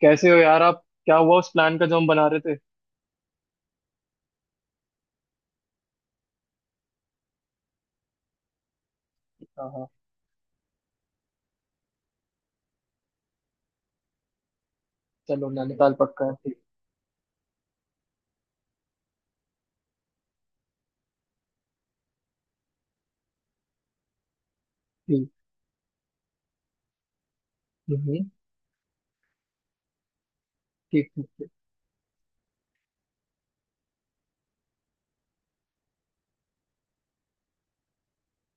कैसे हो यार? आप क्या हुआ उस प्लान का जो हम बना रहे थे? हाँ हाँ। चलो नैनीताल पक्का है, ठीक ठीक। हम्म हम्म, ठीक ठीक ठीक।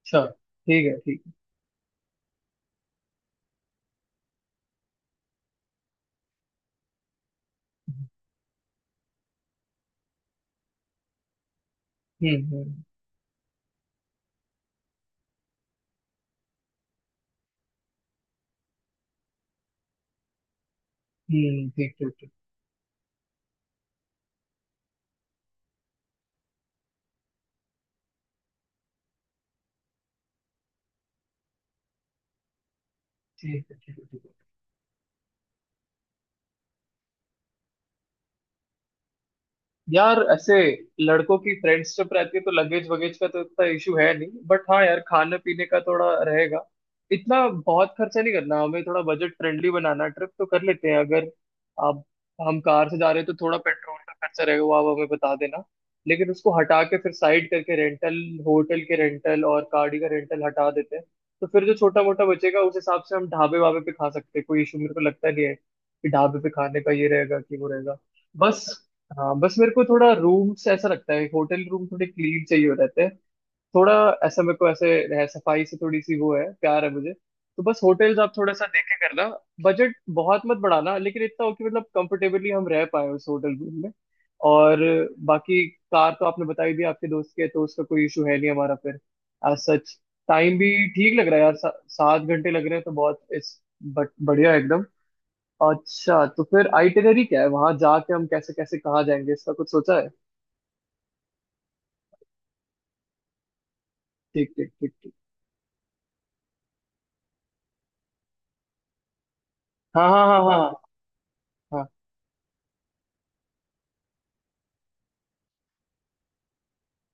अच्छा ठीक है ठीक है। हम्म। ठीक ठीक ठीक। ठीक है ठीक है ठीक है। यार ऐसे लड़कों की फ्रेंड्स ट्रिप रहती है तो लगेज वगेज का तो इतना इशू है नहीं, बट हाँ यार खाने पीने का थोड़ा रहेगा। इतना बहुत खर्चा नहीं करना, हमें थोड़ा बजट फ्रेंडली बनाना ट्रिप तो कर लेते हैं अगर आप हम कार से जा रहे हैं तो थोड़ा पेट्रोल का खर्चा रहेगा, वो आप हमें बता देना। लेकिन उसको हटा के फिर साइड करके रेंटल होटल के रेंटल और गाड़ी का रेंटल हटा देते हैं, तो फिर जो छोटा मोटा बचेगा उस हिसाब से हम ढाबे वाबे पे खा सकते हैं। कोई इशू मेरे को लगता नहीं है कि ढाबे पे खाने का ये रहेगा कि वो रहेगा। बस हाँ बस मेरे को थोड़ा रूम से ऐसा लगता है होटल रूम थोड़े क्लीन चाहिए हो रहते हैं। थोड़ा ऐसा मेरे को ऐसे रह सफाई से थोड़ी सी वो है प्यार है मुझे, तो बस होटल्स आप थोड़ा सा देखे करना। बजट बहुत मत बढ़ाना, लेकिन इतना हो कि मतलब कंफर्टेबली हम रह पाए उस होटल रूम में। और बाकी कार तो आपने बता ही दी, आपके दोस्त के तो उसका कोई इशू है नहीं हमारा। फिर एज सच टाइम भी ठीक लग रहा है यार, 7 घंटे लग रहे हैं तो बहुत इस बट बढ़िया है। अच्छा तो फिर आइटिनरी क्या है? वहां जाके हम कैसे कैसे कहाँ जाएंगे, इसका कुछ सोचा है? ठीक ठीक ठीक ठीक। हाँ हाँ हाँ हाँ हाँ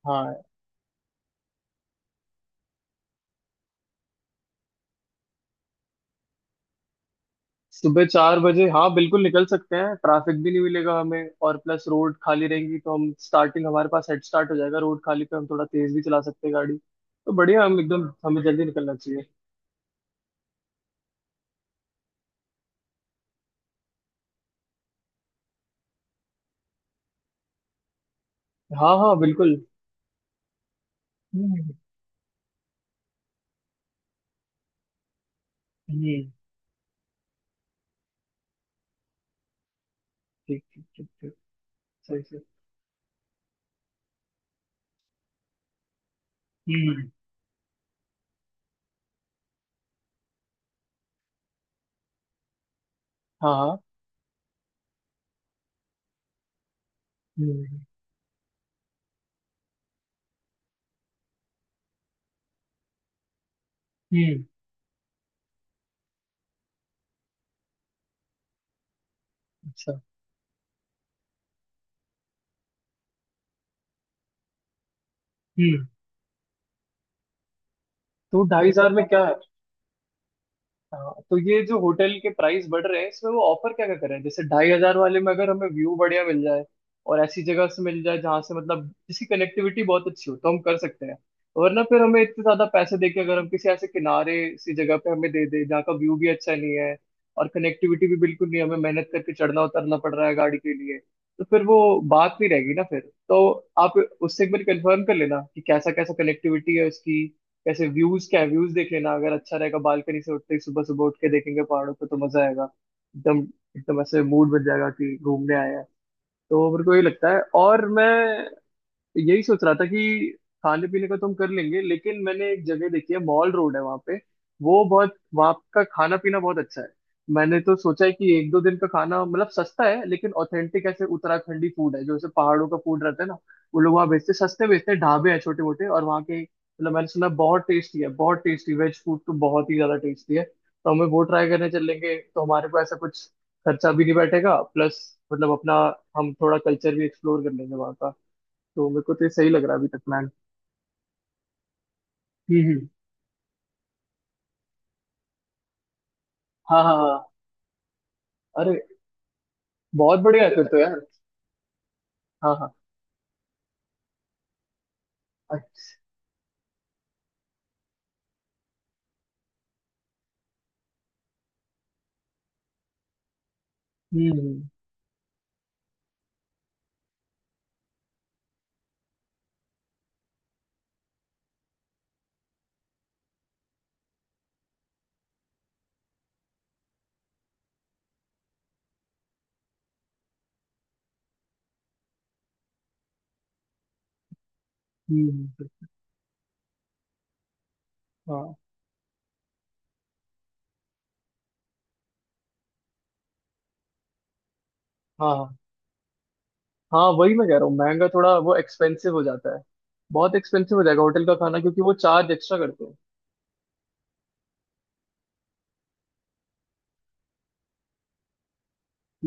हाँ हाँ। सुबह 4 बजे हाँ बिल्कुल निकल सकते हैं। ट्रैफिक भी नहीं मिलेगा हमें और प्लस रोड खाली रहेंगी, तो हम स्टार्टिंग हमारे पास हेड स्टार्ट हो जाएगा। रोड खाली पे हम थोड़ा तेज भी चला सकते हैं गाड़ी, तो बढ़िया हम एकदम हमें जल्दी निकलना चाहिए। हाँ हाँ बिल्कुल। हम्म हम्म, ठीक ठीक ठीक ठीक। सही सही। हम्म। हाँ हाँ। हम्म हम्म। अच्छा। हम्म। तो 2500 में क्या है? हाँ, तो ये जो होटल के प्राइस बढ़ रहे हैं, इसमें वो ऑफर क्या क्या कर रहे हैं? जैसे 2500 वाले में अगर हमें व्यू बढ़िया मिल जाए और ऐसी जगह से मिल जाए जहाँ से मतलब जिसकी कनेक्टिविटी बहुत अच्छी हो, तो हम कर सकते हैं। वरना फिर हमें इतने ज्यादा पैसे देके अगर हम किसी ऐसे किनारे सी जगह पे हमें दे दे जहाँ का व्यू भी अच्छा नहीं है और कनेक्टिविटी भी बिल्कुल नहीं है, हमें मेहनत करके चढ़ना उतरना पड़ रहा है गाड़ी के लिए, तो फिर वो बात नहीं रहेगी ना फिर। तो आप उससे एक बार कंफर्म कर लेना कि कैसा कैसा कनेक्टिविटी है उसकी, कैसे व्यूज क्या है व्यूज देख लेना। अगर अच्छा रहेगा बालकनी से उठते ही सुबह सुबह उठ के देखेंगे पहाड़ों पे तो मजा आएगा एकदम। एकदम ऐसे मूड बन जाएगा कि घूमने आए हैं। तो मेरे को ये लगता है और मैं यही सोच रहा था कि खाने पीने का तो हम कर लेंगे, लेकिन मैंने एक जगह देखी है मॉल रोड है वहाँ पे। वो बहुत वहाँ का खाना पीना बहुत अच्छा है। मैंने तो सोचा है कि 1 2 दिन का खाना मतलब सस्ता है लेकिन ऑथेंटिक ऐसे उत्तराखंडी फूड है, जो ऐसे पहाड़ों का फूड रहता है ना। वो लोग वहाँ बेचते सस्ते बेचते हैं, ढाबे हैं छोटे मोटे, और वहाँ के मतलब मैंने सुना बहुत टेस्टी है, बहुत टेस्टी वेज फूड तो बहुत ही ज्यादा टेस्टी है, तो हमें वो ट्राई करने चलेंगे तो हमारे को ऐसा कुछ खर्चा भी नहीं बैठेगा। प्लस मतलब अपना हम थोड़ा कल्चर भी एक्सप्लोर कर लेंगे वहाँ का। तो मेरे को तो ये सही लग रहा है अभी तक प्लान। हम्म। हाँ हाँ हाँ। अरे बहुत बढ़िया है फिर तो यार। हाँ हाँ। अच्छा, हम्म हम्म। हाँ हाँ हाँ। हाँ वही मैं कह रहा हूँ, महंगा थोड़ा वो एक्सपेंसिव हो जाता है। बहुत एक्सपेंसिव हो जाएगा होटल का खाना, क्योंकि वो चार्ज एक्स्ट्रा करते हैं।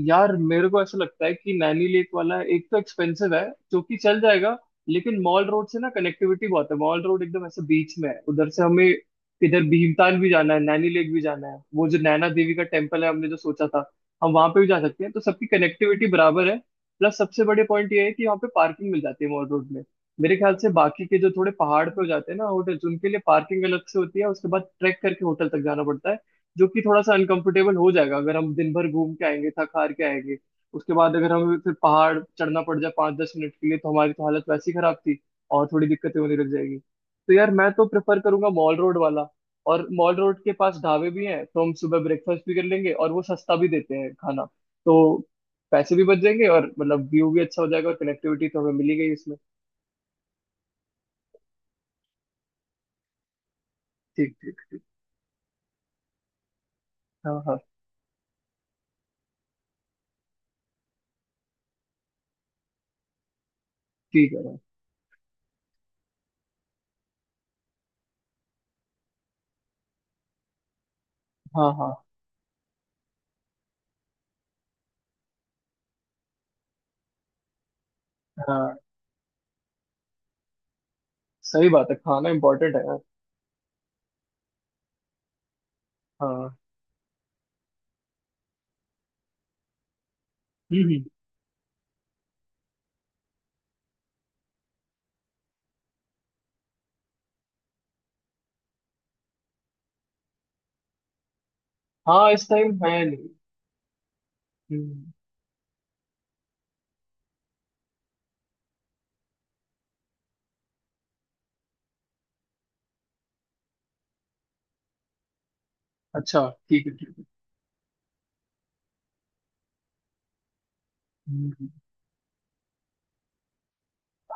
यार मेरे को ऐसा लगता है कि नैनी लेक वाला एक तो एक्सपेंसिव है, जो कि चल जाएगा। लेकिन मॉल रोड से ना कनेक्टिविटी बहुत है। मॉल रोड एकदम ऐसे बीच में है, उधर से हमें इधर भीमताल भी जाना है, नैनी लेक भी जाना है, वो जो नैना देवी का टेम्पल है हमने जो सोचा था हम वहां पे भी जा सकते हैं, तो सबकी कनेक्टिविटी बराबर है। प्लस सबसे बड़े पॉइंट ये है कि वहाँ पे पार्किंग मिल जाती है मॉल रोड में। मेरे ख्याल से बाकी के जो थोड़े पहाड़ पे हो जाते हैं ना होटल्स, उनके लिए पार्किंग अलग से होती है, उसके बाद ट्रैक करके होटल तक जाना पड़ता है, जो कि थोड़ा सा अनकंफर्टेबल हो जाएगा अगर हम दिन भर घूम के आएंगे थक हार के आएंगे। उसके बाद अगर हमें फिर पहाड़ चढ़ना पड़ जाए 5 10 मिनट के लिए, तो हमारी तो हालत वैसी खराब थी। और थोड़ी दिक्कतें होने लग जाएगी तो यार मैं तो प्रेफर करूंगा मॉल रोड वाला। और मॉल रोड के पास ढाबे भी हैं तो हम सुबह ब्रेकफास्ट भी कर लेंगे और वो सस्ता भी देते हैं खाना। तो पैसे भी बच जाएंगे और मतलब व्यू भी अच्छा हो जाएगा और कनेक्टिविटी तो हमें मिली गई इसमें। ठीक ठीक ठीक। हाँ हाँ। ठीक है भाई। हाँ हाँ हाँ। सही बात है, खाना इम्पोर्टेंट है यार। हाँ। हम्म। हाँ इस टाइम है नहीं। हम्म, अच्छा ठीक है ठीक है। हम्म, हम्म।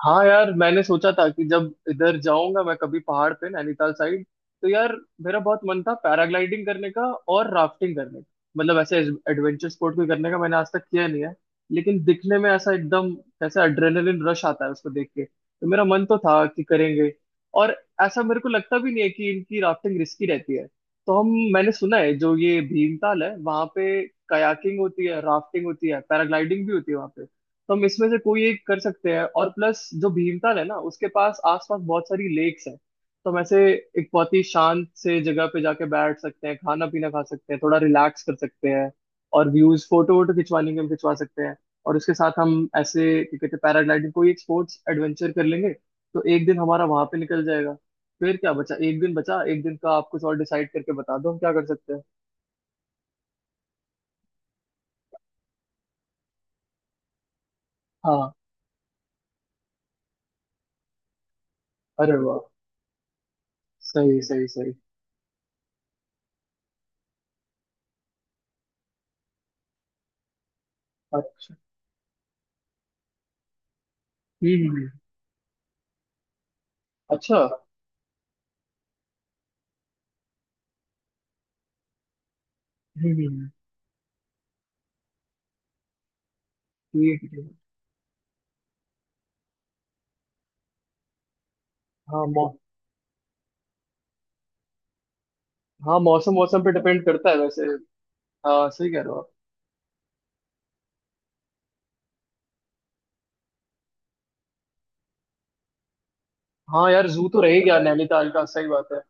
हाँ यार मैंने सोचा था कि जब इधर जाऊंगा मैं कभी पहाड़ पे नैनीताल साइड, तो यार मेरा बहुत मन था पैराग्लाइडिंग करने का और राफ्टिंग करने का। मतलब ऐसे एडवेंचर स्पोर्ट कोई करने का मैंने आज तक किया नहीं है। लेकिन दिखने में ऐसा एकदम ऐसा एड्रेनलिन रश आता है उसको देख के, तो मेरा मन तो था कि करेंगे। और ऐसा मेरे को लगता भी नहीं है कि इनकी राफ्टिंग रिस्की रहती है। तो हम मैंने सुना है जो ये भीमताल है वहां पे कयाकिंग होती है, राफ्टिंग होती है, पैराग्लाइडिंग भी होती है वहां पे। तो हम इसमें से कोई एक कर सकते हैं। और प्लस जो भीमताल है ना उसके पास आसपास बहुत सारी लेक्स हैं, तो हम ऐसे एक बहुत ही शांत से जगह पे जाके बैठ सकते हैं, खाना पीना खा सकते हैं, थोड़ा रिलैक्स कर सकते हैं और व्यूज फोटो वोटो खिंचवाने के हम खिंचवा सकते हैं। और उसके साथ हम ऐसे क्या कहते हैं पैराग्लाइडिंग कोई एक स्पोर्ट्स एडवेंचर कर लेंगे, तो एक दिन हमारा वहां पे निकल जाएगा। फिर क्या बचा, एक दिन बचा, एक दिन का आप कुछ और डिसाइड करके बता दो हम क्या कर सकते हैं। हाँ। अरे वाह। सही सही सही। अच्छा। हम्म। अच्छा। हम्म हम्म, ठीक है ठीक है। हाँ मौ, हाँ मौसम मौसम पे डिपेंड करता है वैसे। हाँ सही कह रहे हो आप। हाँ यार जू तो रहेगा यार नैनीताल का, सही बात है।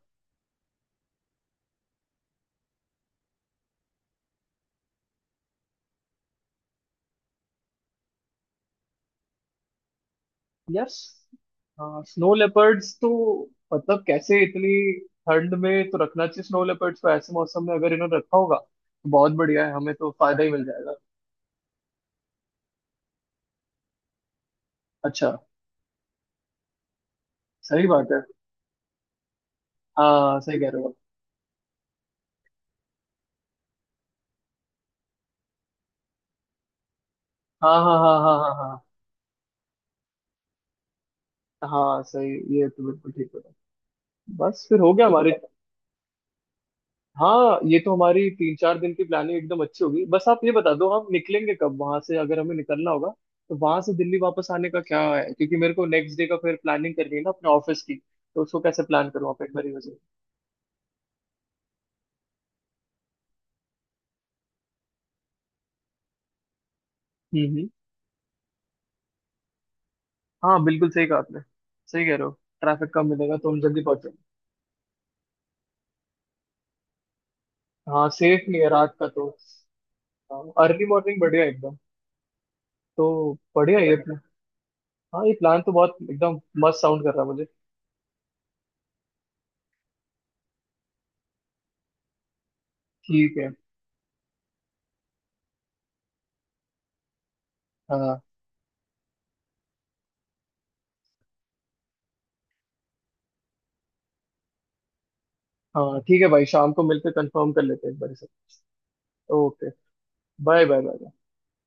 यार हाँ स्नो लेपर्ड्स तो मतलब कैसे इतनी ठंड में तो रखना चाहिए स्नो लेपर्ड्स को। ऐसे मौसम में अगर इन्होंने रखा होगा तो बहुत बढ़िया है, हमें तो फायदा ही मिल जाएगा। अच्छा। सही बात है। हाँ सही कह रहे हो आप। हाँ हाँ हाँ हाँ हाँ। हाँ हाँ सही। ये तो बिल्कुल ठीक है। बस फिर हो गया हमारे। हाँ ये तो हमारी 3 4 दिन की प्लानिंग एकदम अच्छी होगी। बस आप ये बता दो हम निकलेंगे कब वहां से, अगर हमें निकलना होगा तो वहां से दिल्ली वापस आने का क्या है, क्योंकि मेरे को नेक्स्ट डे का फिर प्लानिंग करनी है ना अपने ऑफिस की। तो उसको कैसे प्लान करूँ, आप एक बार ही मुझे। हम्म हम्म। हाँ बिल्कुल सही कहा आपने। सही कह रहे हो। ट्रैफिक कम मिलेगा तो हम जल्दी पहुंचेंगे। हाँ सेफ नहीं है रात का तो। अर्ली मॉर्निंग बढ़िया एकदम। तो बढ़िया है ये हाँ ये प्लान तो बहुत एकदम मस्त साउंड कर रहा है मुझे। ठीक है। हाँ हाँ ठीक है भाई, शाम को मिलकर कंफर्म कर लेते हैं एक बार इसे। ओके। Bye bye bye.